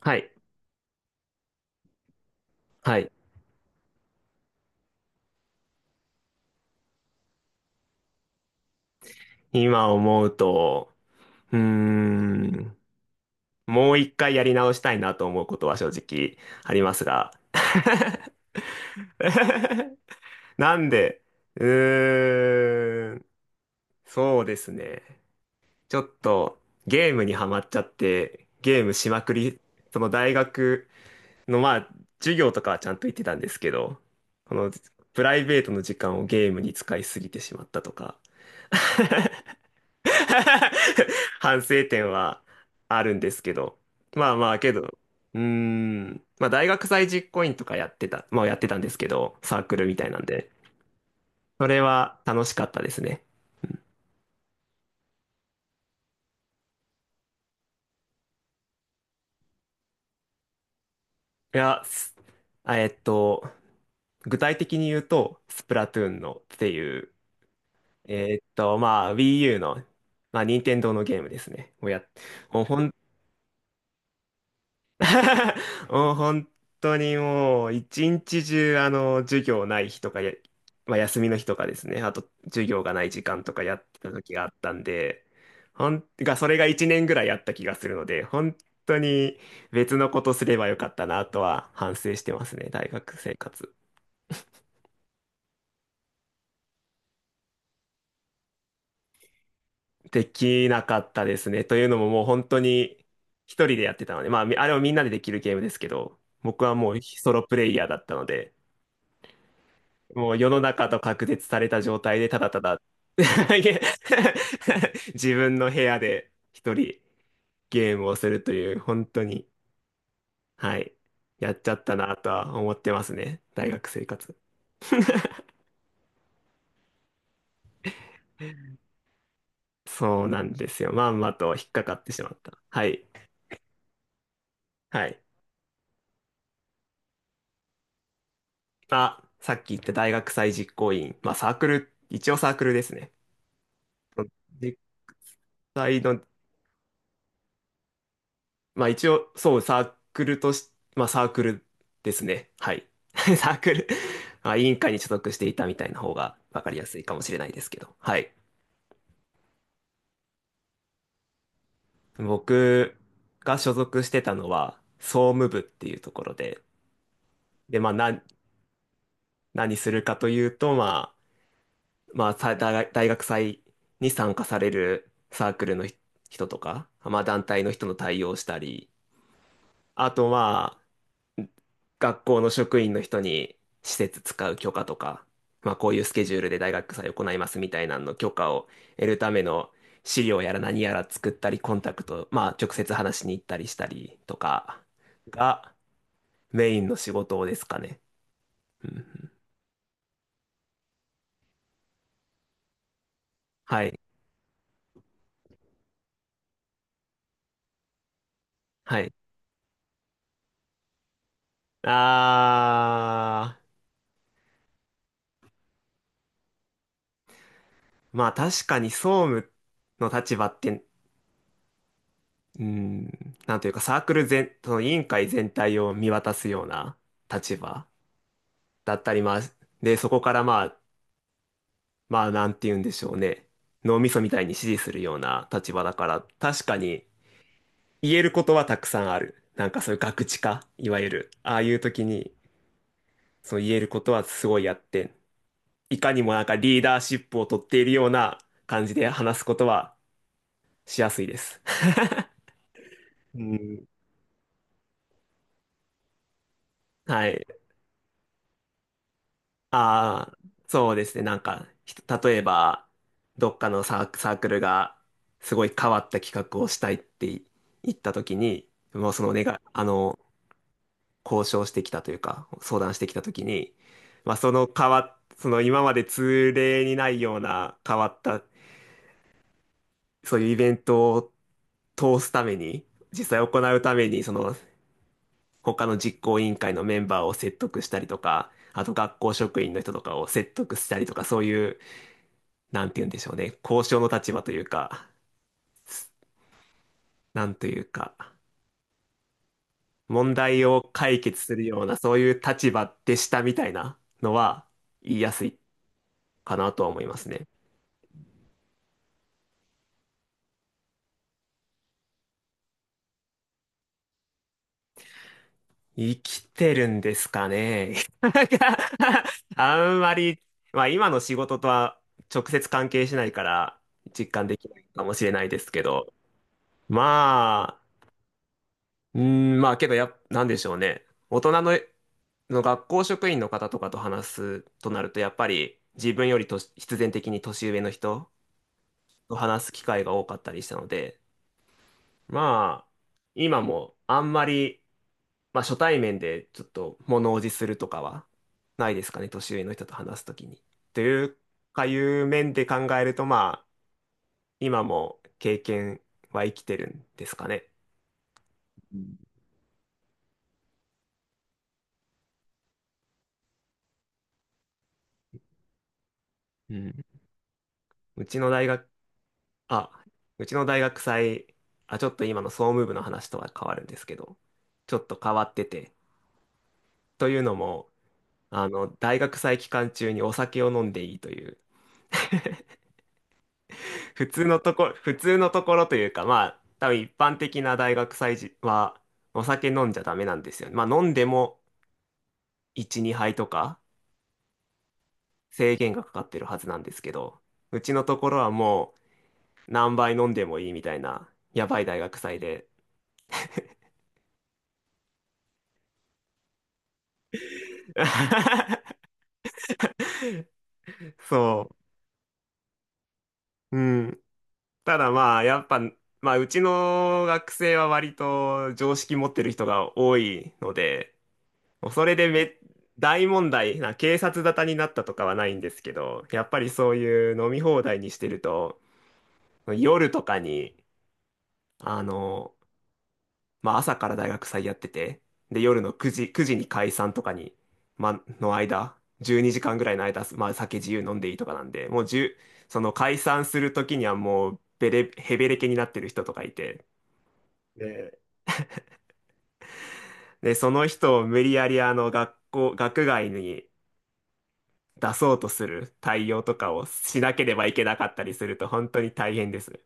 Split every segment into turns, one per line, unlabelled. はい。はい。今思うと、うーん、もう一回やり直したいなと思うことは正直ありますが。なんで、うーん、そうですね。ちょっとゲームにはまっちゃって、ゲームしまくり、その大学の授業とかはちゃんと行ってたんですけど、このプライベートの時間をゲームに使いすぎてしまったとか。反省点はあるんですけど。まあまあけど、うーん。まあ大学祭実行委員とかやってたんですけど、サークルみたいなんで。それは楽しかったですね。いや、すあえっと、具体的に言うと、スプラトゥーンのっていう、Wii U の、任天堂のゲームですね。をやっ、もう本 もう本当にもう一日中あの授業ない日とかや、まあ、休みの日とかですねあと授業がない時間とかやってた時があったんでほんがそれが1年ぐらいあった気がするので本当に別のことすればよかったなとは反省してますね。大学生活できなかったですねというのももう本当に一人でやってたのでまあみあれはみんなでできるゲームですけど僕はもうソロプレイヤーだったのでもう世の中と隔絶された状態でただただ いえ 自分の部屋で一人ゲームをするという本当に、はい、やっちゃったなとは思ってますね。大学生活。そうなんですよ。まんまと引っかかってしまった。はい。はい。あ、さっき言った大学祭実行委員。まあサークル、一応サークルですね。実際のまあ一応、そう、サークルとし、まあサークルですね。はい。サークルまあ、委員会に所属していたみたいな方が分かりやすいかもしれないですけど。はい。僕が所属してたのは、総務部っていうところで、で、まあ、な、何するかというと、まあ、まあ、さ大大学祭に参加されるサークルの人とか、まあ、団体の人の対応をしたり、あと、まあ、学校の職員の人に施設使う許可とか、まあこういうスケジュールで大学祭行いますみたいなのの許可を得るための資料やら何やら作ったり、コンタクト、まあ直接話しに行ったりしたりとかがメインの仕事ですかね。うんうんはい。はい。あー、まあ確かに総務の立場って、うん、なんというかサークル全、その委員会全体を見渡すような立場。だったり、まあ、で、そこからまあ、まあ、なんて言うんでしょうね。脳みそみたいに支持するような立場だから、確かに言えることはたくさんある。なんかそういうガクチカ、いわゆる。ああいう時に、そう言えることはすごいやって、いかにもなんかリーダーシップを取っているような感じで話すことはしやすいです。うん。はい。ああ、そうですね。なんか、ひと例えば、どっかのサーク、サークルが、すごい変わった企画をしたいってい言ったときに、もうその願い、あの、交渉してきたというか、相談してきたときに、まあ、その変わっ、その今まで通例にないような変わった、そういうイベントを通すために、実際行うために、その他の実行委員会のメンバーを説得したりとか、あと学校職員の人とかを説得したりとか、そういうなんて言うんでしょうね、交渉の立場というか、なんというか、問題を解決するような、そういう立場でしたみたいなのは言いやすいかなとは思いますね。生きてるんですかね。なんかあんまり、まあ今の仕事とは直接関係しないから実感できないかもしれないですけど、まあ、まあけどや、なんでしょうね。大人の、の学校職員の方とかと話すとなると、やっぱり自分よりとし必然的に年上の人と話す機会が多かったりしたので、まあ、今もあんまり、まあ初対面でちょっと物おじするとかはないですかね、年上の人と話すときに。というかいう面で考えると、まあ、今も経験は生きてるんですかね。うんうん。うちの大学あ、うちの大学祭、あ、ちょっと今の総務部の話とは変わるんですけど、ちょっと変わってて、というのも、あの、大学祭期間中にお酒を飲んでいいという、普通のとこ、普通のところというか、まあ、多分一般的な大学祭時は、お酒飲んじゃダメなんですよね。まあ、飲んでも1、2杯とか制限がかかってるはずなんですけど、うちのところはもう何杯飲んでもいいみたいな、やばい大学祭で。そう。うん。ただまあ、やっぱ、まあ、うちの学生は割と常識持ってる人が多いので、それでめ、大問題な、警察沙汰になったとかはないんですけど、やっぱりそういう飲み放題にしてると、夜とかに、あの、まあ、朝から大学祭やってて、で、夜の9時、9時に解散とかに、まあ、の間、12時間ぐらいの間、まあ、酒自由飲んでいいとかなんで、もう1その解散する時にはもう、べれ、へべれけになってる人とかいて、で、で、その人を無理やりあの学校、学外に出そうとする対応とかをしなければいけなかったりすると本当に大変です。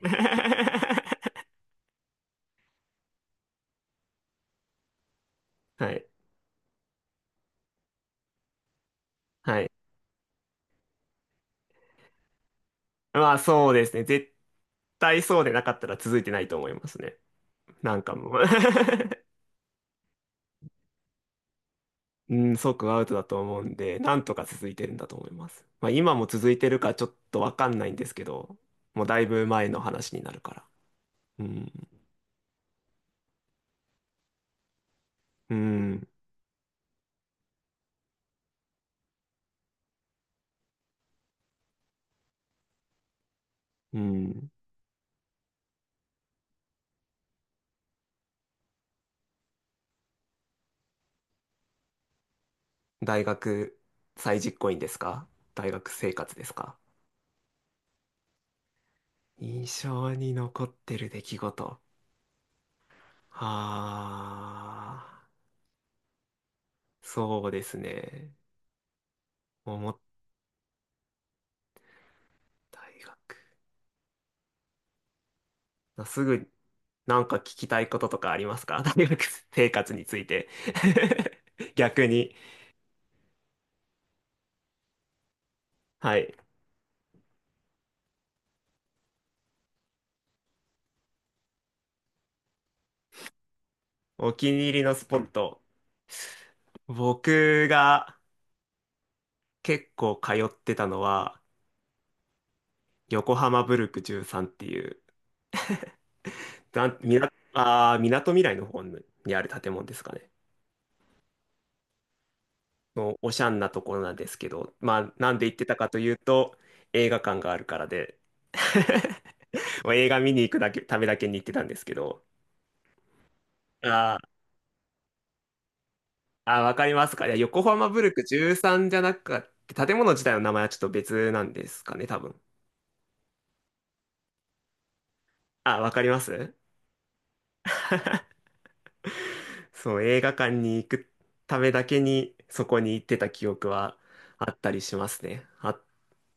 はい。はい。まあそうですね。絶対そうでなかったら続いてないと思いますね。なんかもう うん、即アウトだと思うんで、なんとか続いてるんだと思います。まあ今も続いてるかちょっとわかんないんですけど、もうだいぶ前の話になるから。うん。うん。うん。大学再実行員ですか？大学生活ですか？印象に残ってる出来事。ああ、そうですね。思った大学。あすぐ、なんか聞きたいこととかありますか？ 大学生活について。 逆に。はい。お気に入りのスポット。僕が結構通ってたのは、横浜ブルク13っていうが、みな、あー、みなとみらいの方にある建物ですかね。のおしゃんなところなんですけど、まあ、なんで行ってたかというと、映画館があるからで、もう映画見に行くだけ、ためだけに行ってたんですけど、あーあー、わかりますか。いや、横浜ブルク13じゃなくて、建物自体の名前はちょっと別なんですかね、多分。あー、わかります。 そう、映画館に行くためだけに、そこに行ってた記憶はあったりしますね。あ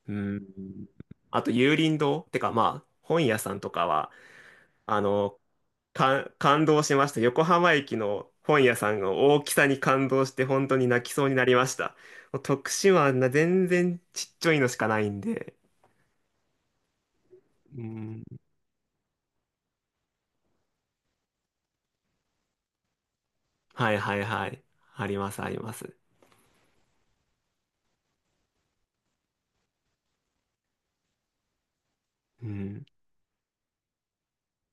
うん。あと、有林堂ってか、まあ、本屋さんとかは、あの、か、感動しました。横浜駅の本屋さんの大きさに感動して、本当に泣きそうになりました。もう徳島はな全然ちっちゃいのしかないんで。うん。はいはいはい。あります、あります。うん。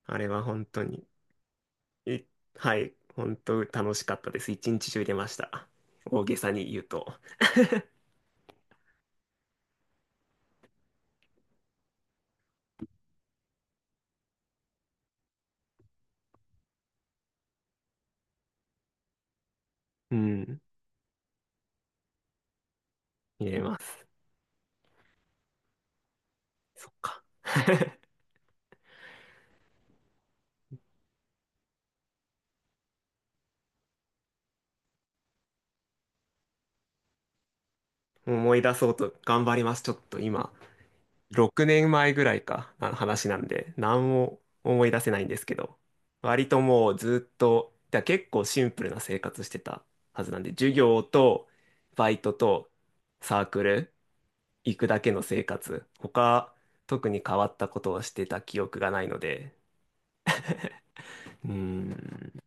あれは本当に、い、はい、本当楽しかったです。一日中入れました。大げさに言うと。うん。入れます。そっか。思い出そうと頑張ります。ちょっと今、6年前ぐらいか、あの話なんで、何も思い出せないんですけど、割ともうずっと、だから結構シンプルな生活してたはずなんで、授業とバイトとサークル行くだけの生活、他特に変わったことをしてた記憶がないので、うーん、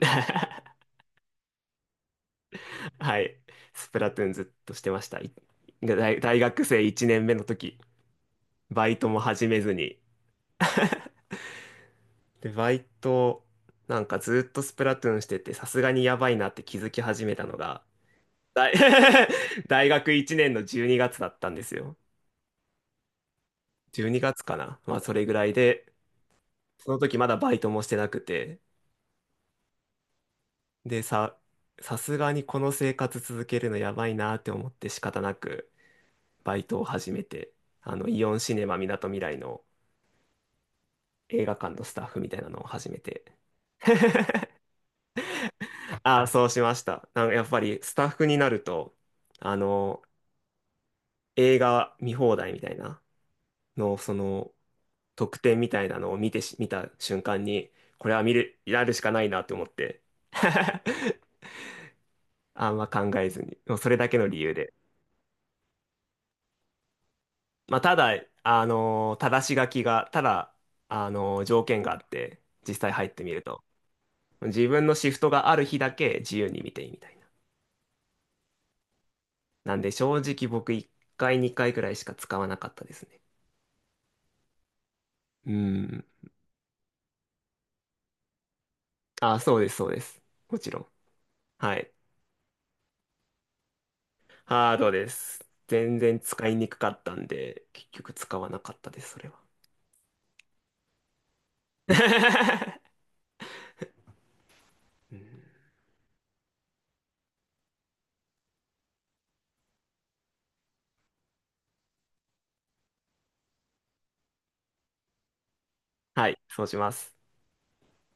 はい、スプラトゥーンずっとしてました。い大、大学生1年目の時、バイトも始めずに、で、バイト、なんかずっとスプラトゥーンしてて、さすがにやばいなって気づき始めたのが、大 大学1年の12月だったんですよ。12月かな。まあ、それぐらいで、その時まだバイトもしてなくて、で、さ、さすがにこの生活続けるのやばいなって思って仕方なく、バイトを始めて、イオンシネマみなとみらいの映画館のスタッフみたいなのを始めて、ああ、そうしました。なんかやっぱりスタッフになると、あの、映画見放題みたいなの、その、特典みたいなのを見てし、見た瞬間に、これは見る、やるしかないなって思って。あんま考えずに。もうそれだけの理由で。まあ、ただ、正し書きが、ただ、条件があって、実際入ってみると。自分のシフトがある日だけ自由に見ていいみたいな。なんで正直僕1回2回くらいしか使わなかったですね。うん。あ、そうです、そうです。もちろん。はい。ハードです。全然使いにくかったんで、結局使わなかったです、それは。うん。はい、そうします。